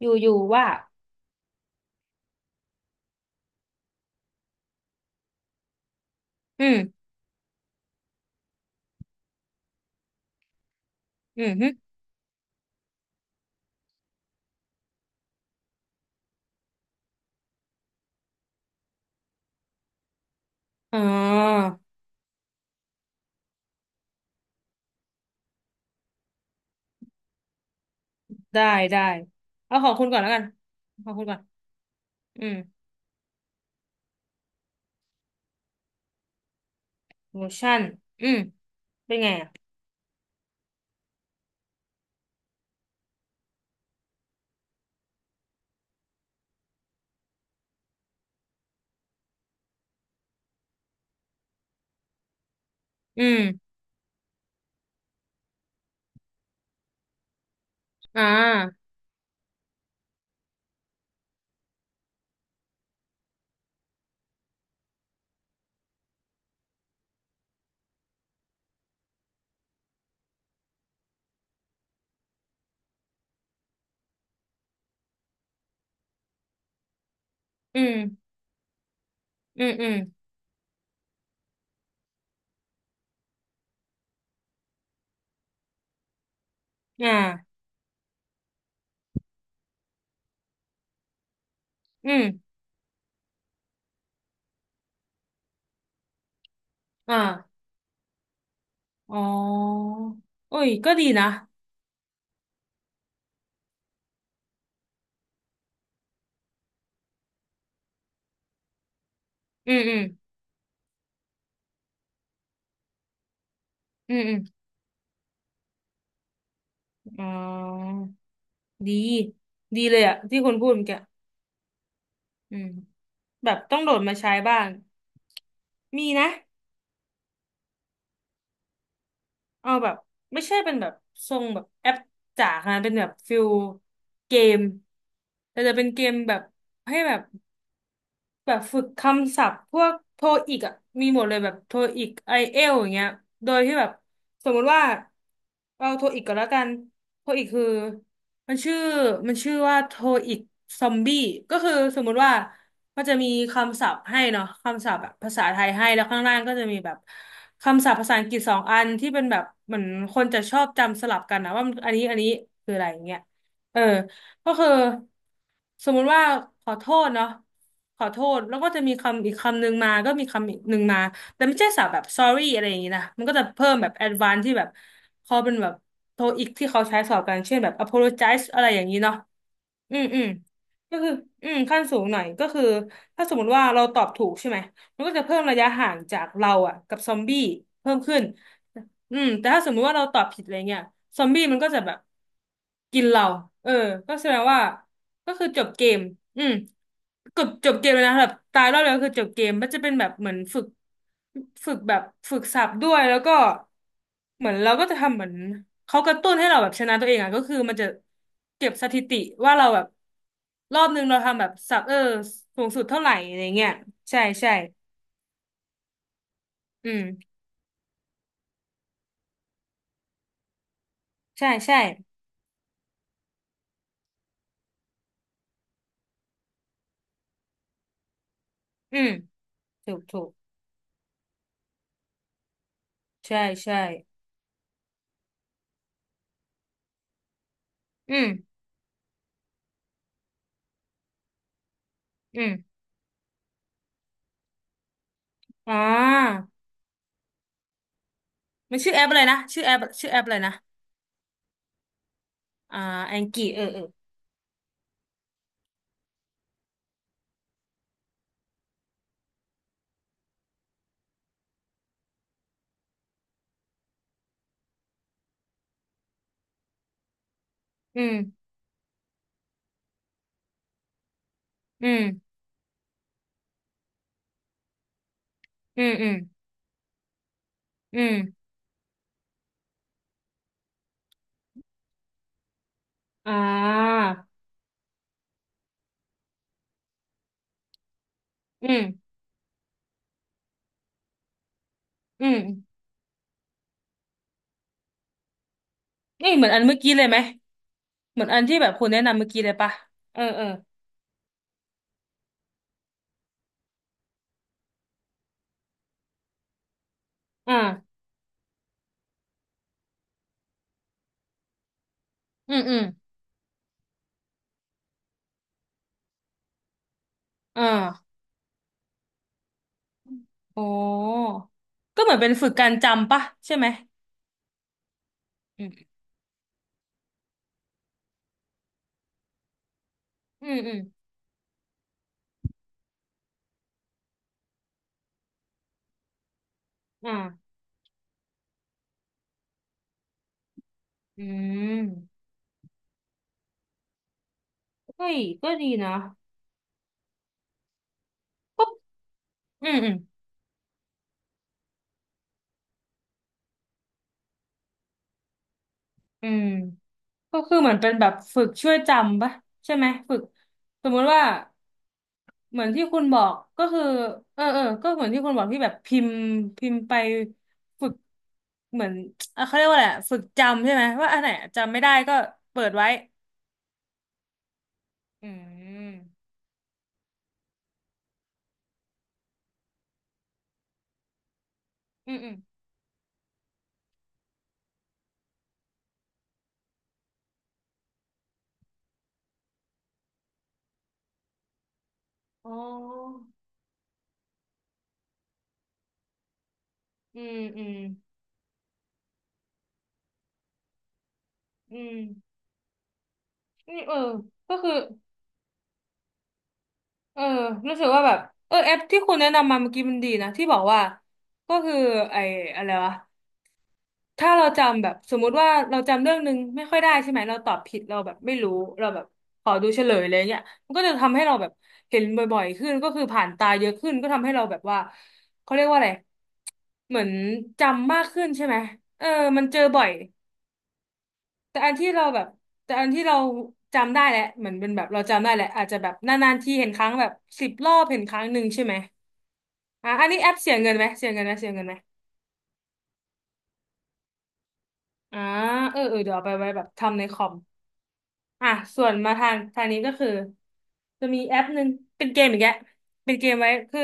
อยู่อยู่ว่า อืม อืมฮึอ๋อได้ได้เอาของคุณก่อนแล้วกันของคุณก่อน อืม motion อืม เป็นไงอ่ะอืมอ่าอืม อืม อืมอ่าอืมอ่าอ๋อโอ้ย ก็ดีนะ อืมอืมอืมอืมอ๋อ ดี ดีเลยอ่ะที่คุณพูดเมื่อกี้อืมแบบต้องโดดมาใช้บ้างมีนะ เอาแบบไม่ใช่เป็นแบบทรงแบบแอปจ๋าขนาดนั้นเป็นแบบฟิลเกมแต่จะเป็นเกมแบบให้แบบ แบบฝึกคำศัพท์พวกโทอีกอ่ะมีหมดเลยแบบโทอีกไอเอลอย่างเงี้ยโดยที่แบบสมมติว่าเอาโทอีกก่อนแล้วกันโทอีกคือมันชื่อมันชื่อว่าโทอีกซอมบี้ก็คือสมมุติว่ามันจะมีคำศัพท์ให้เนาะคำศัพท์แบบภาษาไทยให้แล้วข้างล่างก็จะมีแบบคำศัพท์ภาษาอังกฤษสองอันที่เป็นแบบเหมือนคนจะชอบจำสลับกันนะว่ามันอันนี้อันนี้คืออะไรอย่างเงี้ยเออ ก็คือสมมุติว่าขอโทษเนาะขอโทษแล้วก็จะมีคำอีกคำหนึ่งมาก็มีคำอีกหนึ่งมาแต่ไม่ใช่สับแบบ sorry อะไรอย่างนี้นะมันก็จะเพิ่มแบบ advance ที่แบบเขาเป็นแบบโทอีกที่เขาใช้สอบกันเช่นแบบ apologize อะไรอย่างนี้เนาะอืมอืมก็คืออืมขั้นสูงหน่อยก็คือถ้าสมมติว่าเราตอบถูกใช่ไหมมันก็จะเพิ่มระยะห่างจากเราอะกับซอมบี้เพิ่มขึ้น อืมแต่ถ้าสมมุติว่าเราตอบผิดอะไรเงี้ยซอมบี้มันก็จะแบบกินเราเออก็แสดงว่าก็คือจบเกมอืมจบจบเกมเลยนะแบบตายรอบเดียวคือจบเกมมันจะเป็นแบบเหมือนฝึกฝึกแบบฝึกศัพท์ด้วยแล้วก็เหมือนเราก็จะทำเหมือนเขากระตุ้นให้เราแบบชนะตัวเองอ่ะก็คือมันจะเก็บสถิติว่าเราแบบรอบนึงเราทำแบบศัพท์เออสูงสุดเท่าไหร่อะไรเงี้ยใช่ใช่อืมใช่ใช่อืมถูกถูกใช่ใช่ อืมอืมอ๋อมันชื่อแอปอะไรนะชื่อแอปชื่อแอปอะไรนะอ่าแองกี้เออเอออืมอืมอืมอืมอืมอ่าอืมอืมนี่เหมือนอันเมื่อกี้เลยไหมเหมือนอันที่แบบคุณแนะนำเมื่อกี้เลยปะเออเอออ่าอืมอืมอ่าโอ้ก็เหมือนเป็นฝึกการจำปะใช่ไหมอืมอืมอืมอ่าอืมเฮ้ยก็ดีนะปุ๊บอืมอืมอืม ก็คือเหมือนเป็นแบบฝึกช่วยจำปะใช่ไหมฝึกสมมุติว่าเหมือนที่คุณบอกก็คือเออเออก็เหมือนที่คุณบอกที่แบบพิมพ์พิมพ์ไปฝึกเหมือนเขาเรียกว่าอะไรอะฝึกจำใช่ไหมว่าอันไหนจำไม่ได้ก็เปิดไว้อืมอืมอืมอ๋ออืมอืมอืมนี่เออก็คือเออรู้สึกว่าแบบเออแอปที่คุณแนะนำมาเมื่อกี้มันดีนะที่บอกว่าก็คือไอ้อะไรวะ ถ้าเราจำแบบสมมุติว่าเราจำเรื่องนึงไม่ค่อยได้ใช่ไหมเราตอบผิดเราแบบไม่รู้เราแบบขอดูเฉลยอะไรเงี้ยมันก็จะทำให้เราแบบเห็นบ่อยๆขึ้นก็คือผ่านตาเยอะขึ้นก็ทำให้เราแบบว่าเขาเรียกว่าอะไรเหมือนจำมากขึ้นใช่ไหมเออมันเจอบ่อยแต่อันที่เราแบบแต่อันที่เราจำได้แหละเหมือนเป็นแบบเราจำได้แหละอาจจะแบบนานๆทีเห็นครั้งแบบ10 รอบเห็นครั้งหนึ่งใช่ไหมอ่ะอันนี้แอปเสียเงินไหมเสียเงินไหมเสียเงินไหมอ่าเออเออเดี๋ยวเอาไปไว้แบบทำในคอม อ่ะส่วนมาทางทางนี้ก็คือจะมีแอปหนึ่งเป็นเกมอีกแกเป็นเกมไว้คือ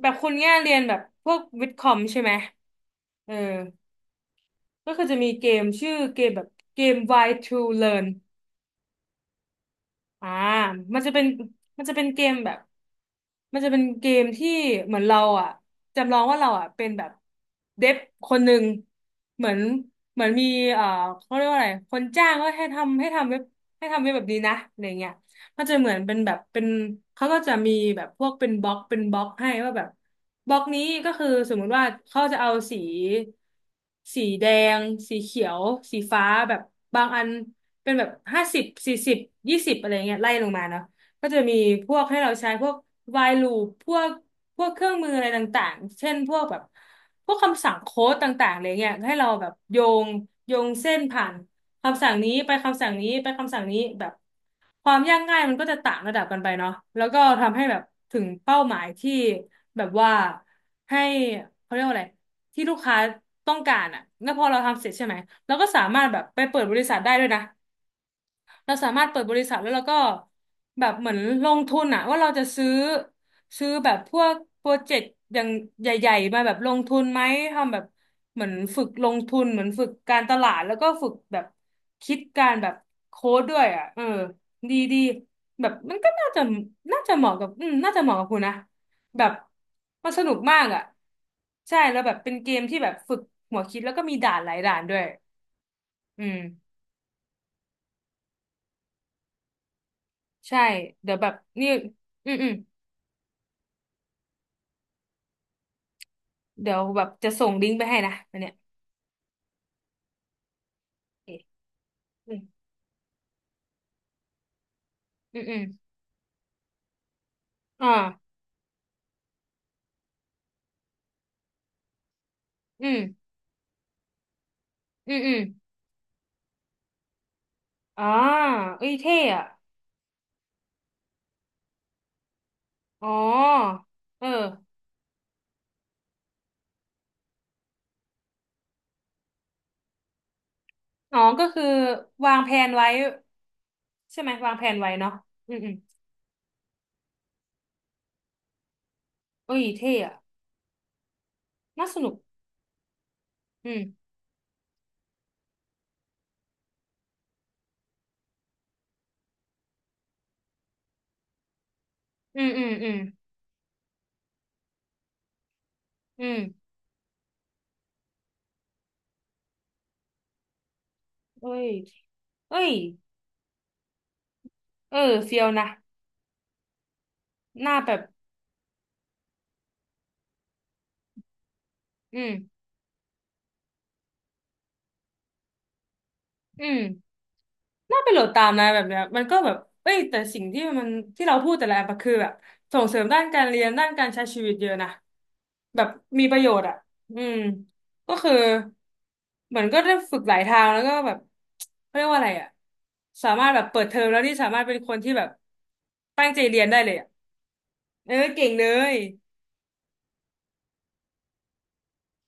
แบบคุณเนี่ยเรียนแบบพวกวิทย์คอมใช่ไหมเออก็คือจะมีเกมชื่อเกมแบบเกม Why to Learn อ่ามันจะเป็นมันจะเป็นเกมแบบ มันจะเป็นเกมที่เหมือนเราอ่ะจำลองว่าเราอ่ะเป็นแบบเดฟคนหนึ่งเหมือนเหมือนมีเอ่อเขาเรียกว่าอะไรคนจ้างก็ให้ทำให้ทำเว็บให้ทำเว็บแบบนี้นะอะไรเงี้ยมันจะเหมือนเป็นแบบเป็นเขาก็จะมีแบบพวกเป็นบล็อกเป็นบล็อกให้ว่าแบบบล็อกนี้ก็คือสมมุติว่าเขาจะเอาสีสีแดงสีเขียวสีฟ้าแบบบางอันเป็นแบบ504020อะไรเงี้ยไล่ลงมาเนาะ ก็จะมีพวกให้เราใช้พวก while loop พวกเครื่องมืออะไรต่างๆเช่นพวกแบบพวกคำสั่งโค้ดต่างๆอะไรเงี้ยให้เราแบบงโยงเส้นผ่านคำสั่งนี้ไปคำสั่งนี้ไปคำสั่งนี้แบบความยากง่ายมันก็จะต่างระดับกันไปเนาะแล้วก็ทำให้แบบถึงเป้าหมายที่แบบว่าให้เขาเรียกว่าอะไรที่ลูกค้าต้องการอ่ะแล้วพอเราทำเสร็จใช่ไหมเราก็สามารถแบบไปเปิดบริษัทได้ด้วยนะ เราสามารถเปิดบริษัทแล้วเราก็แบบเหมือนลงทุนอะว่าเราจะซื้อแบบพวกโปรเจกต์อย่างใหญ่ๆมาแบบลงทุนไหมทำแบบเหมือนฝึกลงทุนเหมือนฝึกการตลาดแล้วก็ฝึกแบบคิดการแบบโค้ดด้วยอะเออดีดีแบบมันก็น่าจะน่าจะเหมาะกับน่าจะเหมาะกับคุณนะแบบมันสนุกมากอะใช่แล้วแบบเป็นเกมที่แบบฝึกหัวคิดแล้วก็มีด่านหลายด่านด้วยอืมใช่เดี๋ยวแบบนี่อืมอืม เดี๋ยวแบบจะส่งลิงก์ไปให้นะอันเนี้ยโอเคอืมอืมอืมอ่าอืมอืมอืมอ่าเอ้ยเท่อะอ๋อเอออ๋อก็คือวางแผนไว้ใช่ไหมวางแผนไว้เนาะอืมอืมเอ้ยเท่อะน่าสนุกอืมอืมอืมอืมอืมเอ้ยเอ้ยเออเฟียวนะหน้าแบบอืม อืมน่าไปโหลดตามนะแบบเนี้ยมันก็แบบเอ้ยแต่สิ่งที่มันที่เราพูดแต่ละแอปอะคือแบบส่งเสริมด้านการเรียนด้านการใช้ชีวิตเยอะนะแบบมีประโยชน์อ่ะอืมก็คือเหมือนก็ได้ฝึกหลายทางแล้วก็แบบเขาเรียกว่าอะไรอ่ะสามารถแบบเปิดเทอมแล้วที่สามารถเป็นคนที่แบบตั้งใจเรียนได้เลยอ่ะเออเก่งเลย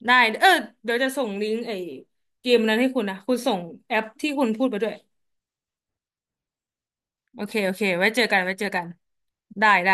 ได้เออเดี๋ยวจะส่งลิงก์ไอ้เกมนั้นให้คุณนะคุณส่งแอปที่คุณพูดไปด้วย โอเค โอเค ไว้เจอกัน ไว้เจอกัน ได้ ได้